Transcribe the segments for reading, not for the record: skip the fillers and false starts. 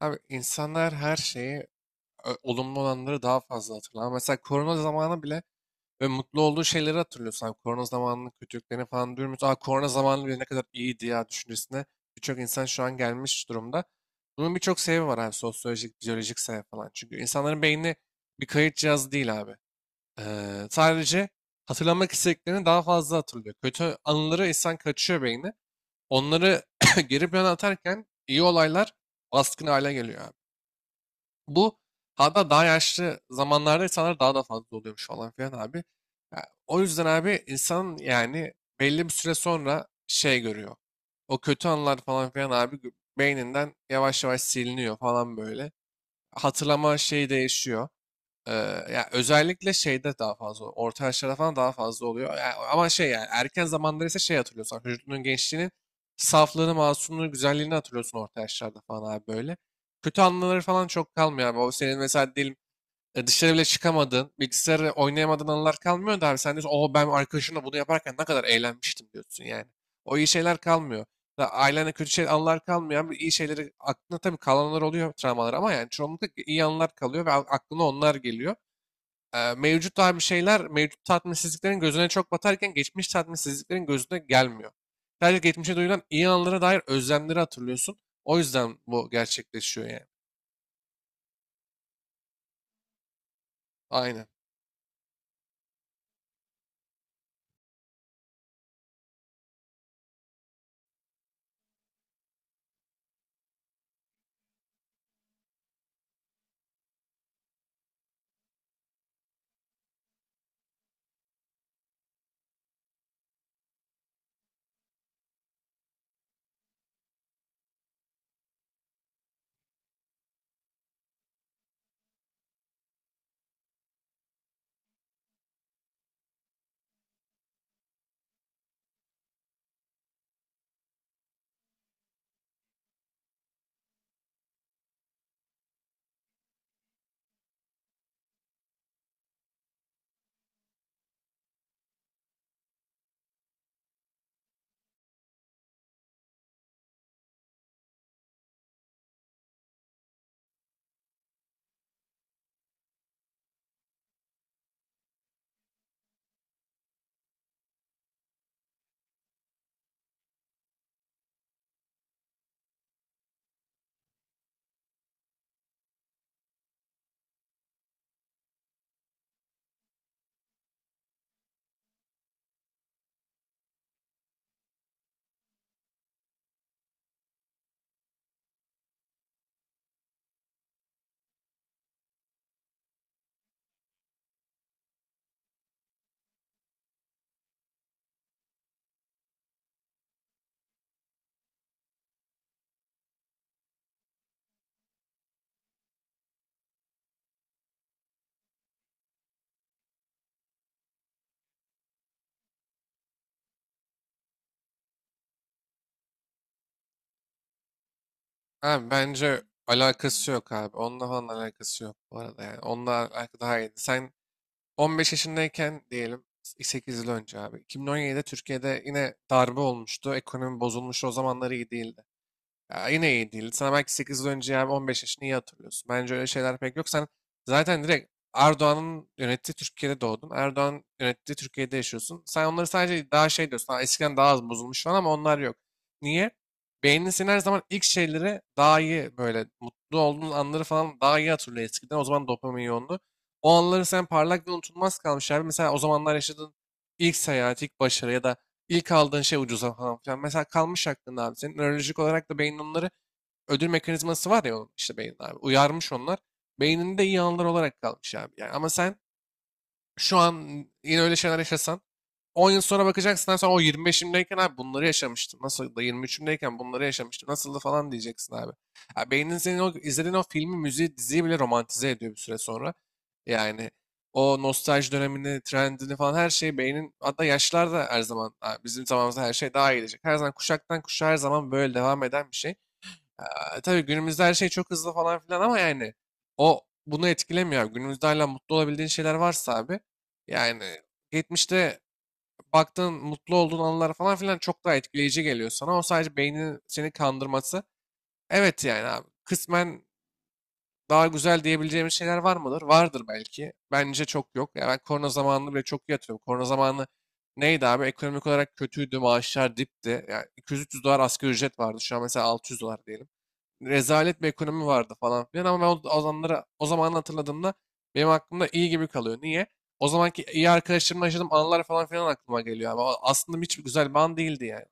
Abi insanlar her şeyi, olumlu olanları daha fazla hatırlar. Mesela korona zamanı bile ve mutlu olduğu şeyleri hatırlıyorsun. Abi, korona zamanının kötülüklerini falan duymuyoruz. Aa, korona zamanı bile ne kadar iyiydi ya düşüncesine birçok insan şu an gelmiş durumda. Bunun birçok sebebi var abi. Sosyolojik, biyolojik sebebi falan. Çünkü insanların beyni bir kayıt cihazı değil abi. Sadece hatırlamak istediklerini daha fazla hatırlıyor. Kötü anıları insan kaçıyor beyni. Onları geri plana atarken iyi olaylar baskın hale geliyor abi. Bu hatta daha yaşlı zamanlarda insanlar daha da fazla oluyormuş falan filan abi. Ya, o yüzden abi insan yani belli bir süre sonra şey görüyor. O kötü anılar falan filan abi beyninden yavaş yavaş siliniyor falan böyle. Hatırlama şeyi değişiyor. Ee, Ya özellikle şeyde daha fazla, orta yaşlarda falan daha fazla oluyor. Ya ama şey yani erken zamanlar ise şey hatırlıyorsun. Vücudunun gençliğini, saflığını, masumluğunu, güzelliğini hatırlıyorsun orta yaşlarda falan abi böyle. Kötü anıları falan çok kalmıyor abi. O senin mesela diyelim dışarı bile çıkamadığın, bilgisayarı oynayamadığın anılar kalmıyor da abi sen diyorsun o ben arkadaşımla bunu yaparken ne kadar eğlenmiştim diyorsun yani. O iyi şeyler kalmıyor. Da ailenle kötü şey anılar kalmıyor ama iyi şeyleri aklına tabii kalanlar oluyor travmalar ama yani çoğunlukla iyi anılar kalıyor ve aklına onlar geliyor mevcut olan bir şeyler mevcut tatminsizliklerin gözüne çok batarken geçmiş tatminsizliklerin gözüne gelmiyor. Sadece geçmişe duyulan iyi anlara dair özlemleri hatırlıyorsun. O yüzden bu gerçekleşiyor yani. Aynen. Abi bence alakası yok abi. Onunla falan alakası yok bu arada yani. Onunla alakası daha iyiydi. Sen 15 yaşındayken diyelim 8 yıl önce abi. 2017'de Türkiye'de yine darbe olmuştu. Ekonomi bozulmuştu. O zamanlar iyi değildi. Ya yine iyi değil. Sana belki 8 yıl önce yani 15 yaşını iyi hatırlıyorsun. Bence öyle şeyler pek yok. Sen zaten direkt Erdoğan'ın yönettiği Türkiye'de doğdun. Erdoğan yönettiği Türkiye'de yaşıyorsun. Sen onları sadece daha şey diyorsun. "Ha, eskiden daha az bozulmuş şu an ama onlar yok. Niye? Beynin senin her zaman ilk şeyleri daha iyi böyle mutlu olduğun anları falan daha iyi hatırlıyor eskiden. O zaman dopamin yoğundu. O anları sen parlak ve unutulmaz kalmış abi. Mesela o zamanlar yaşadığın ilk seyahat, ilk başarı ya da İlk aldığın şey ucuza falan filan. Mesela kalmış aklında abi senin. Nörolojik olarak da beynin onları ödül mekanizması var ya onun işte beynin abi. Uyarmış onlar. Beyninde iyi anılar olarak kalmış abi. Yani ama sen şu an yine öyle şeyler yaşasan 10 yıl sonra bakacaksın abi sen o 25'imdeyken abi bunları yaşamıştım. Nasıl da 23'ümdeyken bunları yaşamıştım. Nasıldı falan diyeceksin abi. Ya beynin senin o izlediğin o filmi, müziği, diziyi bile romantize ediyor bir süre sonra. Yani o nostalji dönemini, trendini falan her şeyi beynin hatta yaşlar da her zaman ha, bizim zamanımızda her şey daha iyi gelecek. Her zaman kuşaktan kuşağa her zaman böyle devam eden bir şey. Tabii günümüzde her şey çok hızlı falan filan ama yani o bunu etkilemiyor. Abi. Günümüzde hala mutlu olabildiğin şeyler varsa abi yani geçmişte baktığın mutlu olduğun anılar falan filan çok daha etkileyici geliyor sana. O sadece beynin seni kandırması. Evet yani abi kısmen daha güzel diyebileceğimiz şeyler var mıdır? Vardır belki. Bence çok yok. Ya ben korona zamanını bile çok iyi hatırlıyorum. Korona zamanı neydi abi? Ekonomik olarak kötüydü, maaşlar dipti. Yani 200-300 dolar asgari ücret vardı. Şu an mesela 600 dolar diyelim rezalet bir ekonomi vardı falan filan ama ben o zamanları o zaman hatırladığımda benim aklımda iyi gibi kalıyor. Niye? O zamanki iyi arkadaşlarımla yaşadığım anılar falan filan aklıma geliyor ama aslında hiç güzel bir an değildi yani.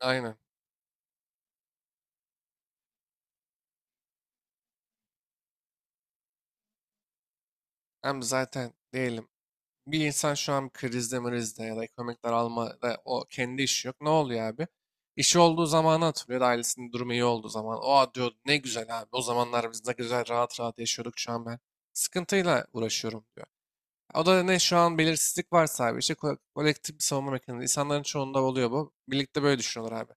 Aynen. Hem zaten diyelim bir insan şu an krizde mrizde ya da ekonomik daralmada o kendi işi yok. Ne oluyor abi? İşi olduğu zamanı hatırlıyor da ailesinin durumu iyi olduğu zaman. O diyor ne güzel abi o zamanlar biz ne güzel rahat rahat yaşıyorduk şu an ben sıkıntıyla uğraşıyorum diyor. O da ne şu an belirsizlik var abi. İşte kolektif bir savunma mekanizması. İnsanların çoğunda oluyor bu. Birlikte böyle düşünüyorlar abi.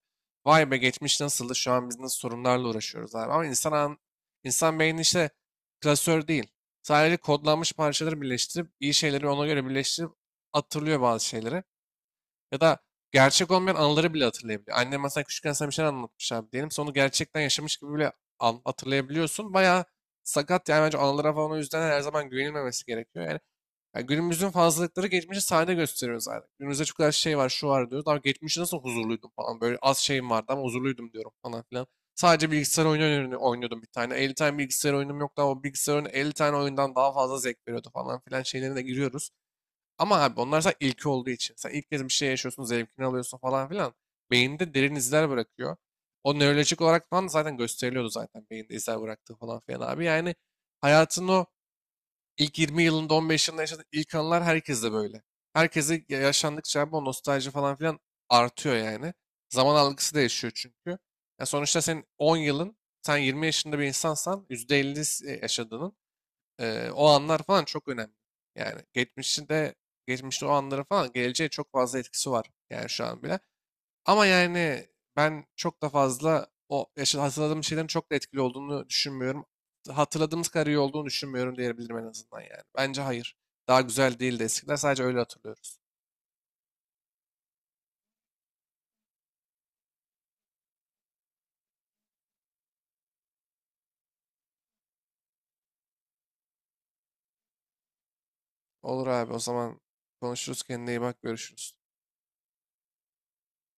Vay be geçmiş nasıldı? Şu an biz nasıl sorunlarla uğraşıyoruz abi. Ama insan beyni işte klasör değil. Sadece kodlanmış parçaları birleştirip iyi şeyleri ona göre birleştirip hatırlıyor bazı şeyleri. Ya da gerçek olmayan anıları bile hatırlayabiliyor. Annem mesela küçükken sana bir şey anlatmış abi diyelim. Sonra onu gerçekten yaşamış gibi bile hatırlayabiliyorsun. Bayağı sakat yani bence anılara falan o yüzden her zaman güvenilmemesi gerekiyor. Yani günümüzün fazlalıkları geçmişi sahne gösteriyor zaten. Günümüzde çok kadar şey var, şu var diyoruz. Ama geçmişte nasıl huzurluydum falan. Böyle az şeyim vardı ama huzurluydum diyorum falan filan. Sadece bilgisayar oyunu oynuyordum bir tane. 50 tane bilgisayar oyunum yoktu ama bilgisayar oyunu 50 tane oyundan daha fazla zevk veriyordu falan filan şeylerine de giriyoruz. Ama abi onlar sen ilki olduğu için. Sen ilk kez bir şey yaşıyorsun, zevkini alıyorsun falan filan. Beyinde derin izler bırakıyor. O nörolojik olarak falan da zaten gösteriliyordu zaten beyinde izler bıraktığı falan filan abi. Yani hayatın o İlk 20 yılında 15 yılında yaşadığın ilk anılar herkeste böyle. Herkese yaşandıkça abi o nostalji falan filan artıyor yani. Zaman algısı değişiyor çünkü. Ya sonuçta senin 10 yılın, sen 20 yaşında bir insansan %50 yaşadığının o anlar falan çok önemli. Yani geçmişte o anları falan geleceğe çok fazla etkisi var yani şu an bile. Ama yani ben çok da fazla o hatırladığım şeylerin çok da etkili olduğunu düşünmüyorum. Hatırladığımız kadar iyi olduğunu düşünmüyorum diyebilirim en azından yani. Bence hayır. Daha güzel değildi eskiler. Sadece öyle hatırlıyoruz. Olur abi o zaman konuşuruz. Kendine iyi bak. Görüşürüz.